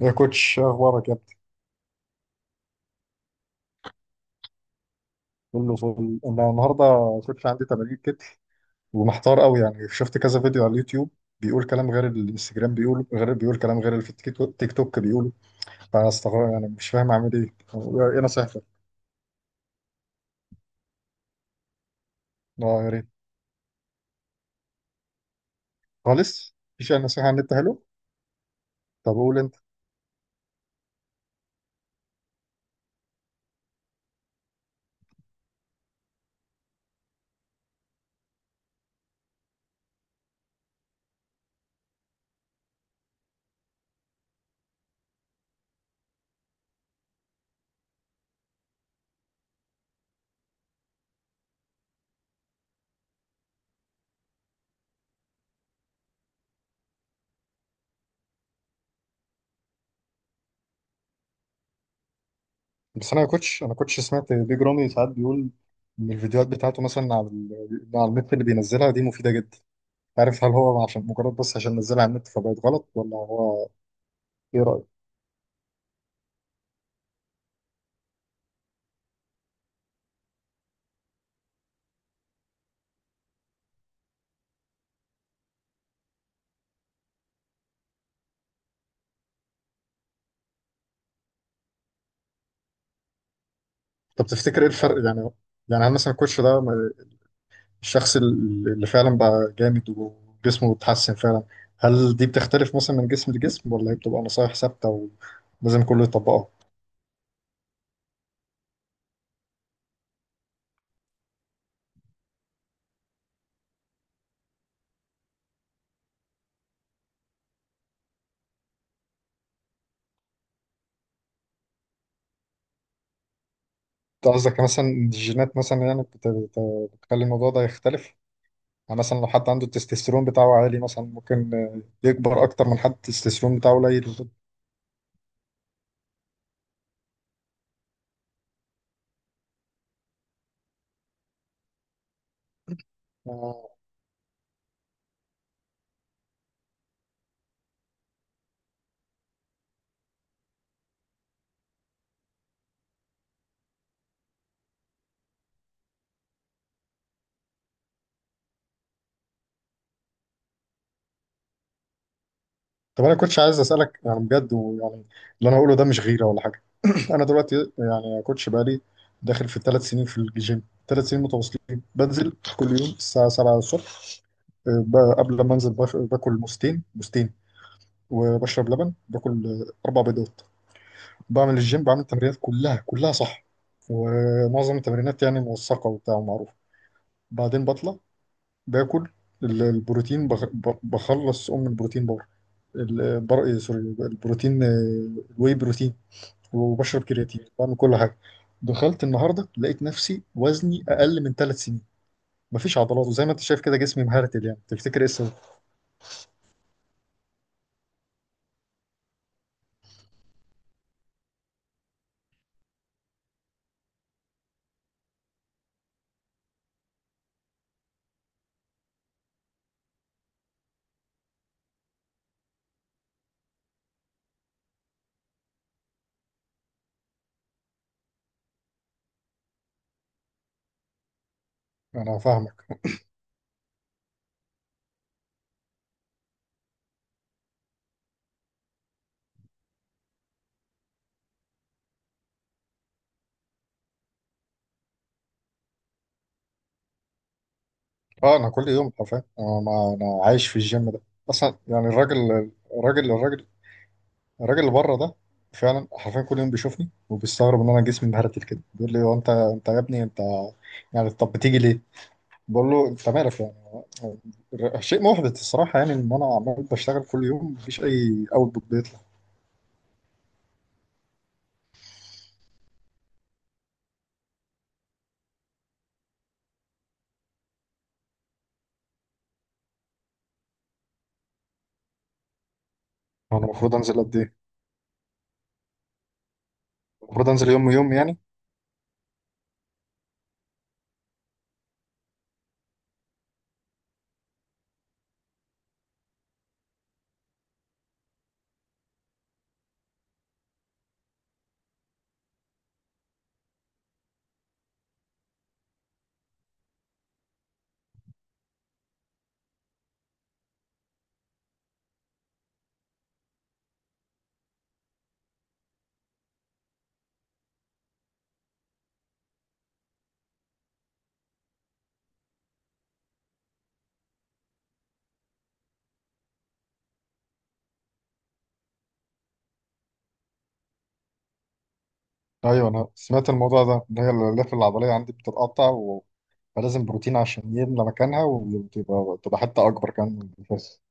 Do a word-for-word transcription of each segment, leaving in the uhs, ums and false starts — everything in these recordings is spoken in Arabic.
يا كوتش، إيه اخبارك يا ابني؟ كله فل. انا النهارده كوتش عندي تمارين كتف، ومحتار قوي، يعني شفت كذا فيديو على اليوتيوب بيقول كلام غير الانستجرام، بيقول غير، بيقول كلام غير اللي في التيك توك تيك توك بيقوله. فانا استغرب، يعني مش فاهم اعمل ايه. ايه نصيحتك؟ اه، يا ريت. خالص مفيش اي نصيحه عن النت؟ حلو. طب قول انت. بس انا يا كوتش، انا كوتش سمعت بيج رامي ساعات بيقول ان الفيديوهات بتاعته مثلا على ال- على النت اللي بينزلها دي مفيده جدا. عارف، هل هو عشان مجرد، بس عشان نزلها على النت فبقت غلط، ولا هو ايه؟ طب تفتكر ايه الفرق يعني؟ يعني هل مثلا الكوتش ده، م- الشخص، ال- اللي فعلا بقى جامد وجسمه اتحسن فعلا، هل دي بتختلف مثلا من جسم لجسم، ولا هي بتبقى نصايح ثابتة ولازم كله يطبقها؟ انت قصدك مثلا إن الجينات مثلا يعني بت- بت- بتخلي الموضوع ده يختلف؟ يعني مثلا لو حد عنده التستوستيرون بتاعه عالي، مثلا ممكن آه، يكبر أكتر من حد التستوستيرون بتاعه قليل. طب انا كنتش عايز اسالك يعني بجد، ويعني اللي انا هقوله ده مش غيره ولا حاجه. انا دلوقتي يعني يا كوتش بقالي داخل في الثلاث سنين في الجيم. ثلاث سنين متواصلين بنزل كل يوم الساعه سبعة الصبح. أه، ب- قبل ما انزل بف- باكل موزتين موزتين، وبشرب لبن، باكل أه، اربع بيضات. بعمل الجيم، بعمل التمرينات كلها كلها صح، ومعظم التمرينات يعني موثقه وبتاع ومعروفه. بعدين بطلع، باكل ال- البروتين، بخ- ب- بخلص ام البروتين بار. البر إيه، سوري البروتين آه، الواي بروتين، وبشرب كرياتين، بعمل كل حاجه. دخلت النهارده لقيت نفسي وزني اقل من ثلاث سنين، مفيش عضلات، وزي ما انت شايف كده جسمي مهرتل. يعني تفتكر ايه السبب؟ انا فاهمك. اه، انا كل يوم حرفيا، انا ما انا عايش في الجيم ده اصلا، يعني الراجل، الراجل الراجل الراجل اللي بره ده فعلا حرفيا كل يوم بيشوفني وبيستغرب ان انا جسمي مهرتل كده. بيقول لي هو انت، انت يا ابني، انت يعني طب بتيجي ليه؟ بقول له انت مالك يعني. شيء محبط الصراحه، يعني ان انا عمال بشتغل كل يوم مفيش اي اوتبوت بيطلع. انا المفروض انزل قد ايه؟ المفروض انزل يوم يوم يعني؟ ايوه، انا سمعت الموضوع ده ان هي الالياف العضليه عندي بتتقطع، و... فلازم بروتين عشان يملى مكانها، وتبقى تبقى حته اكبر كمان من الاساس.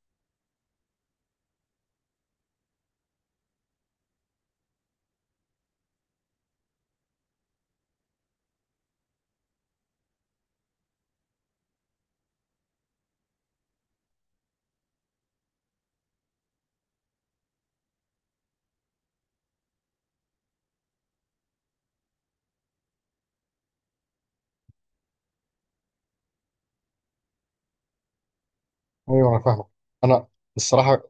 ايوه انا فاهمك. انا الصراحه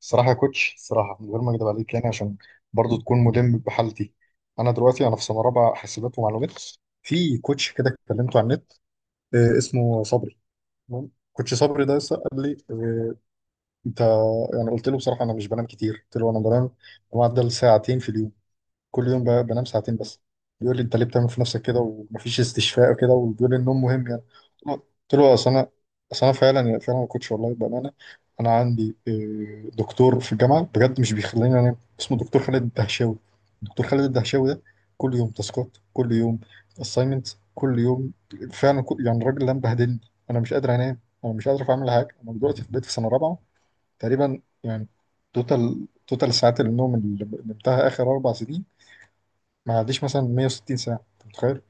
الصراحه يا كوتش، الصراحه من غير ما اكدب عليك يعني، عشان برضو تكون ملم بحالتي. انا دلوقتي انا في سنه رابعه حاسبات ومعلومات. في كوتش كده كلمته على النت، آه، اسمه صبري. تمام، كوتش صبري ده لسه قال لي، آه، انت، يعني قلت له بصراحه انا مش بنام كتير. قلت له انا بنام معدل ساعتين في اليوم، كل يوم ب- بنام ساعتين بس. بيقول لي انت ليه بتعمل في نفسك كده ومفيش استشفاء وكده، وبيقول لي النوم مهم يعني. قلت له اصل انا اصل انا فعلا يعني، فعلا ما كنتش والله بامانه. انا عندي آه، دكتور في الجامعه بجد مش بيخليني انام، اسمه دكتور خالد الدهشاوي. دكتور خالد الدهشاوي ده كل يوم تاسكات، كل يوم اساينمنت، كل يوم. فعلا كل، يعني الراجل ده مبهدلني. انا مش قادر انام، انا مش قادر اعمل حاجه. انا دلوقتي في بيت في سنه رابعه تقريبا يعني. توتال توتال ساعات النوم اللي نمتها اخر اربع سنين ما عنديش مثلا مئة وستين ساعة. انت متخيل؟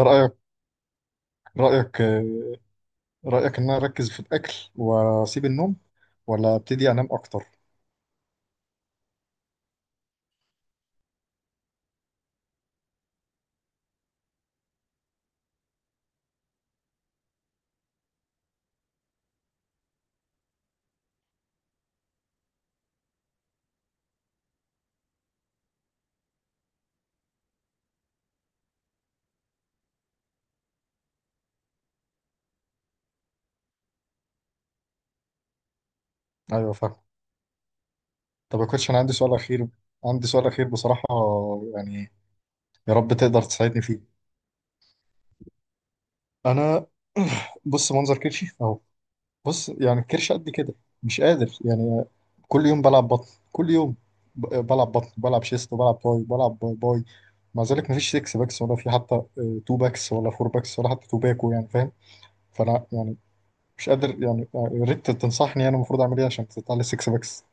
رأيك رأيك رأيك ان انا اركز في الاكل واسيب النوم، ولا ابتدي انام اكتر؟ ايوه فاهم. طب يا كوتش انا عندي سؤال اخير. عندي سؤال اخير بصراحة، يعني يا رب تقدر تساعدني فيه. انا بص منظر كرشي اهو. بص يعني الكرش قد كده، مش قادر يعني. كل يوم بلعب بطن، كل يوم ب- بلعب بطن، بلعب شيست، وبلعب باي، بلعب باي مع ذلك مفيش سيكس باكس، ولا في حتى اتنين باكس، ولا اربع باكس، ولا حتى اتنين باكو، يعني فاهم؟ فانا يعني مش قادر يعني، يعني يا ريت تنصحني انا المفروض اعمل ايه عشان تطلع لي سيكس باكس.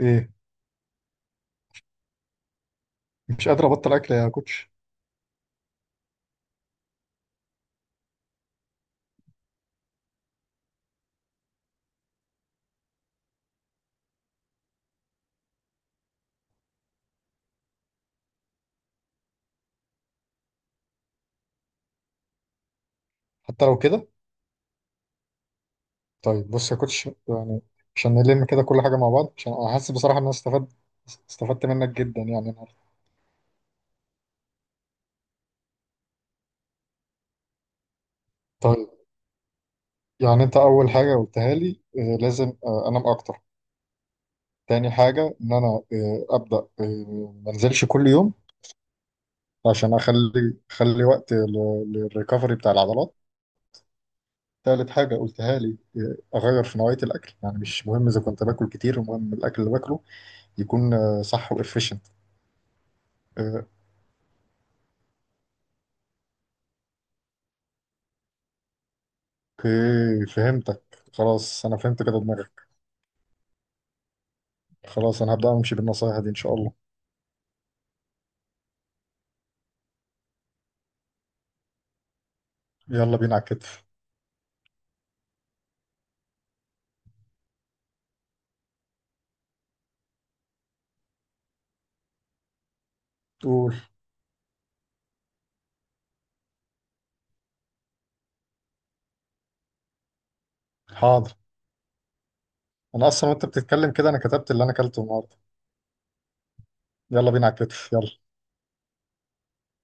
ايه، مش قادر ابطل اكل يا كوتش. حتى لو كده. طيب بص يا كوتش يعني، عشان نلم كده كل حاجه مع بعض، عشان انا حاسس بصراحه ان انا استفدت، استفدت منك جدا يعني النهارده. طيب، يعني انت اول حاجه قلتها لي، آه، لازم آه، انام اكتر. تاني حاجه ان انا آه، ابدا، آه، ما انزلش كل يوم، عشان اخلي اخلي وقت للريكفري بتاع العضلات. تالت حاجة قلتها لي آه، أغير في نوعية الأكل، يعني مش مهم إذا كنت باكل كتير، المهم الأكل اللي باكله يكون آه، صح وإفيشنت. أوكي فهمتك، خلاص أنا فهمت كده دماغك. خلاص أنا هبدأ أمشي بالنصايح دي إن شاء الله. يلا بينا على الكتف. قول. حاضر. أنا أصلا وأنت بتتكلم كده أنا كتبت اللي أنا أكلته النهاردة. يلا بينا على الكتف، يلا.